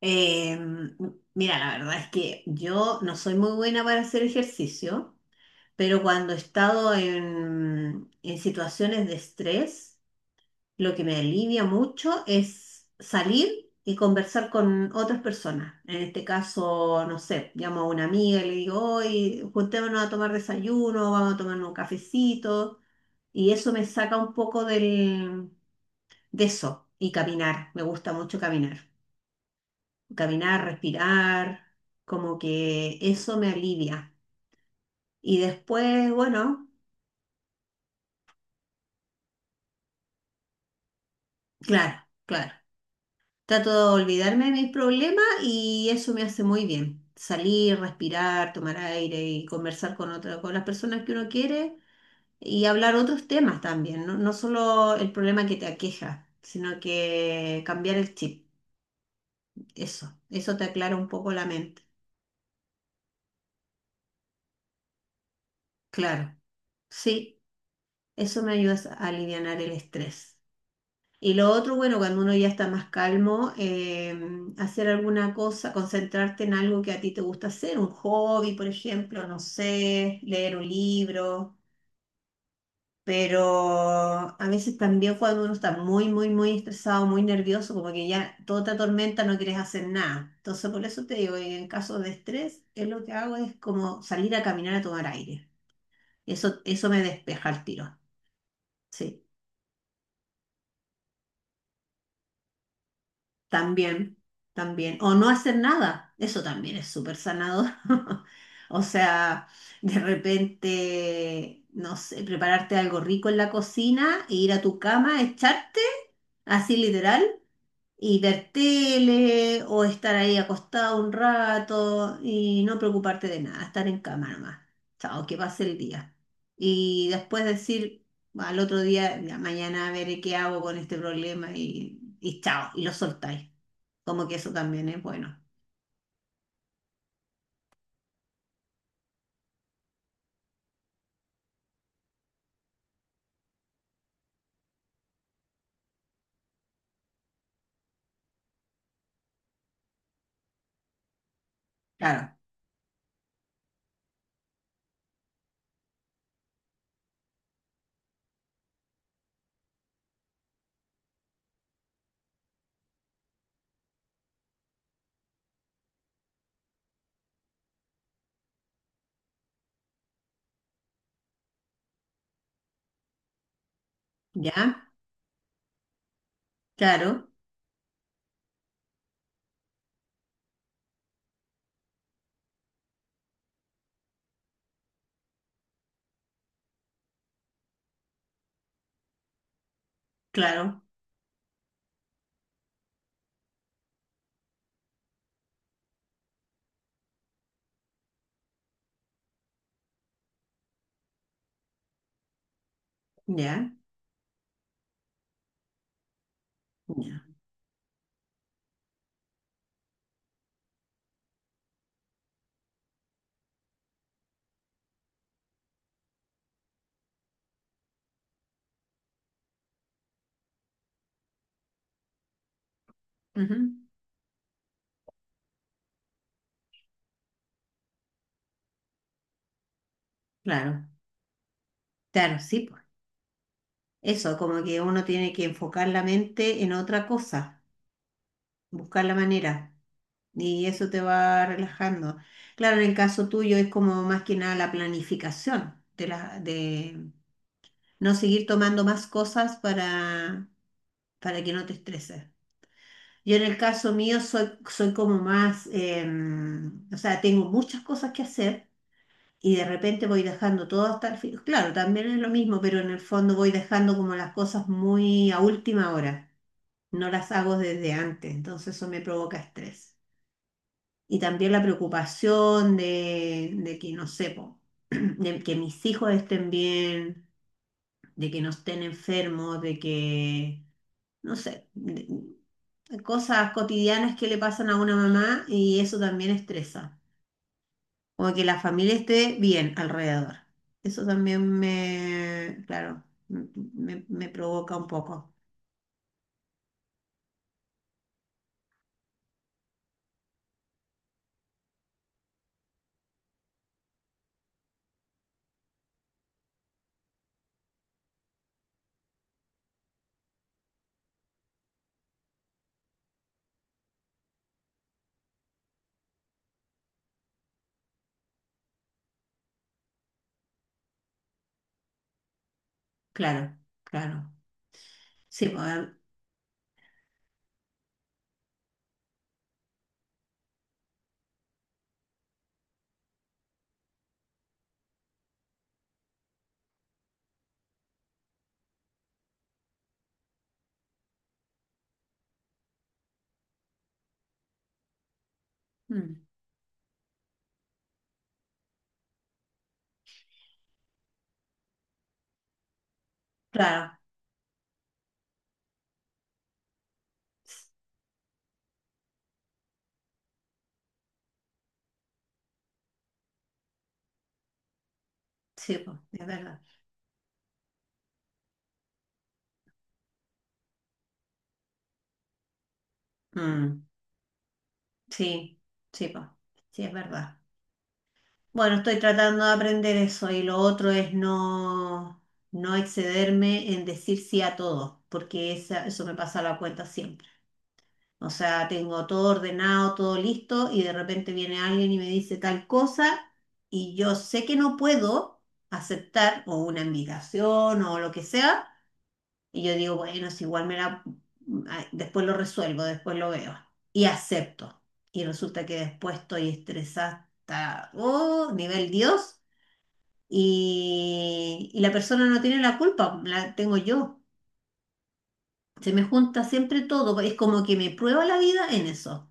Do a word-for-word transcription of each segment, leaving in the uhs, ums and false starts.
Eh, Mira, la verdad es que yo no soy muy buena para hacer ejercicio, pero cuando he estado en, en situaciones de estrés, lo que me alivia mucho es salir y conversar con otras personas. En este caso, no sé, llamo a una amiga y le digo, hoy juntémonos a tomar desayuno, vamos a tomar un cafecito, y eso me saca un poco del, de eso y caminar. Me gusta mucho caminar caminar, respirar, como que eso me alivia. Y después, bueno, claro, claro. Trato de olvidarme de mis problemas y eso me hace muy bien. Salir, respirar, tomar aire y conversar con otra, con las personas que uno quiere y hablar otros temas también, no, no solo el problema que te aqueja, sino que cambiar el chip. Eso, eso te aclara un poco la mente. Claro, sí, eso me ayuda a alivianar el estrés. Y lo otro, bueno, cuando uno ya está más calmo, eh, hacer alguna cosa, concentrarte en algo que a ti te gusta hacer, un hobby, por ejemplo, no sé, leer un libro, pero a veces también cuando uno está muy, muy, muy estresado, muy nervioso, como que ya toda te atormenta, no quieres hacer nada. Entonces, por eso te digo, en caso de estrés, es lo que hago es como salir a caminar a tomar aire. Eso, eso me despeja el tiro. Sí. También, también. O no hacer nada, eso también es súper sanador. O sea, de repente, no sé, prepararte algo rico en la cocina e ir a tu cama, echarte, así literal, y ver tele o estar ahí acostado un rato y no preocuparte de nada, estar en cama nomás. Chao, que pase el día. Y después decir al otro día, ya mañana veré qué hago con este problema y, y chao, y lo soltáis. Como que eso también es bueno. Claro, ya, claro, claro, ya, ya. Ujú. Claro, claro, sí, pues. Eso, como que uno tiene que enfocar la mente en otra cosa, buscar la manera, y eso te va relajando. Claro, en el caso tuyo es como más que nada la planificación de la, de no seguir tomando más cosas para, para que no te estreses. Yo en el caso mío soy, soy como más, em, o sea, tengo muchas cosas que hacer y de repente voy dejando todo hasta el fin. Claro, también es lo mismo, pero en el fondo voy dejando como las cosas muy a última hora. No las hago desde antes, entonces eso me provoca estrés. Y también la preocupación de, de que, no sé, po, de que mis hijos estén bien, de que no estén enfermos, de que, no sé, de- cosas cotidianas que le pasan a una mamá y eso también estresa. Como que la familia esté bien alrededor. Eso también me, claro, m- me, me provoca un poco. Claro, claro. Sí, pues, eh, mm, claro. Sí, pues, es verdad. Mm, sí, sí, pues, sí, es verdad. Bueno, estoy tratando de aprender eso y lo otro es no, no excederme en decir sí a todo, porque esa- eso me pasa la cuenta siempre. O sea, tengo todo ordenado, todo listo y de repente viene alguien y me dice tal cosa y yo sé que no puedo aceptar o una invitación o lo que sea y yo digo, bueno, si igual me la, ah, después lo resuelvo, después lo veo y acepto. Y resulta que después estoy estresada hasta, oh, nivel Dios y, y la persona no tiene la culpa, la tengo yo. Se me junta siempre todo, es como que me prueba la vida en eso.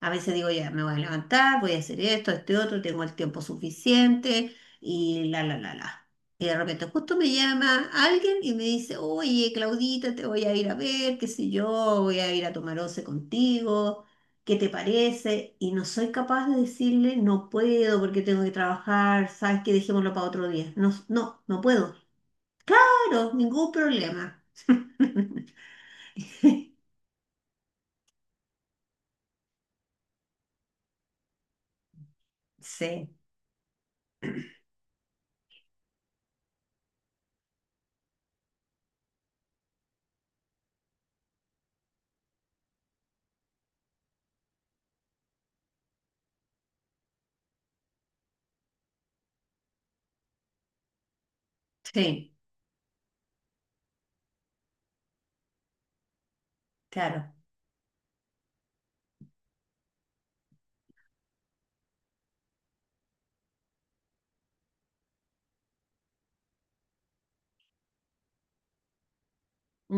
A veces digo, ya, me voy a levantar, voy a hacer esto, este otro, tengo el tiempo suficiente y la, la, la, la. Y de repente justo me llama alguien y me dice, oye, Claudita, te voy a ir a ver, qué sé yo, voy a ir a tomar once contigo, ¿qué te parece? Y no soy capaz de decirle, no puedo porque tengo que trabajar, sabes que dejémoslo para otro día. No, no, no puedo. Claro, ningún problema. Sí, sí, claro,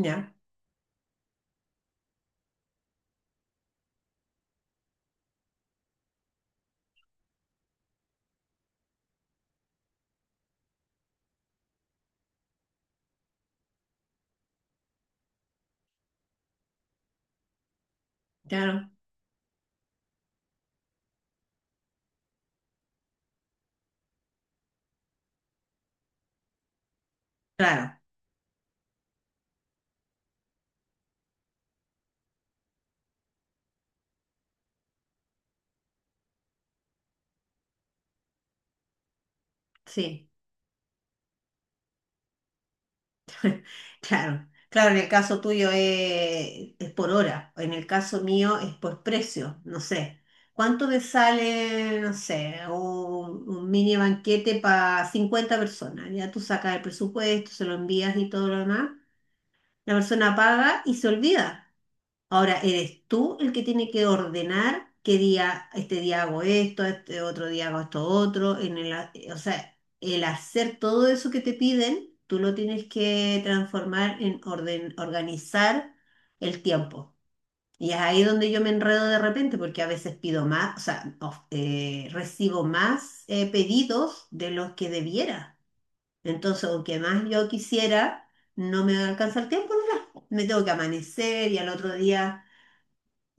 ya, claro, claro, sí. Claro, claro, en el caso tuyo eh, es, por hora, en el caso mío es por precio, no sé. ¿Cuánto me sale, no sé, un, un mini banquete para cincuenta personas? Ya tú sacas el presupuesto, se lo envías y todo lo demás. La persona paga y se olvida. Ahora, eres tú el que tiene que ordenar qué día, este día hago esto, este otro día hago esto otro, en el, ha- o sea, el hacer todo eso que te piden, tú lo tienes que transformar en orden, organizar el tiempo. Y es ahí donde yo me enredo de repente, porque a veces pido más, o sea, of- eh, recibo más eh, pedidos de los que debiera. Entonces, aunque más yo quisiera, no me alcanza el tiempo, no, me tengo que amanecer y al otro día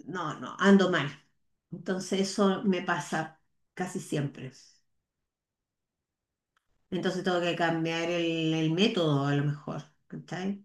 no, no, ando mal. Entonces eso me pasa casi siempre. Entonces tengo que cambiar el, el método a lo mejor. ¿Cachai?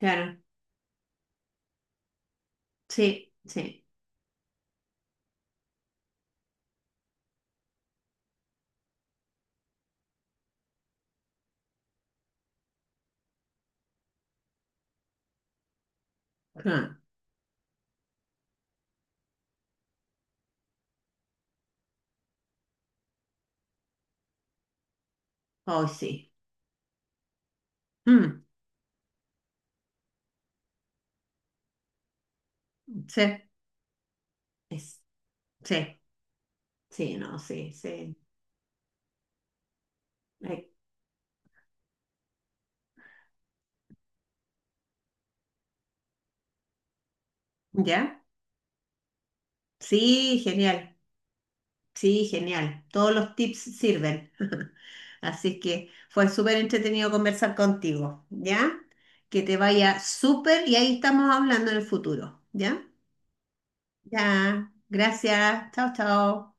Claro, sí, sí, claro. Hoy sí. Mm, sí, es- sí, sí, no, sí, sí. Ay, ¿ya? Sí, genial. Sí, genial. Todos los tips sirven. Así que fue súper entretenido conversar contigo, ¿ya? Que te vaya súper y ahí estamos hablando en el futuro, ¿ya? Ya, gracias. Chao, chao.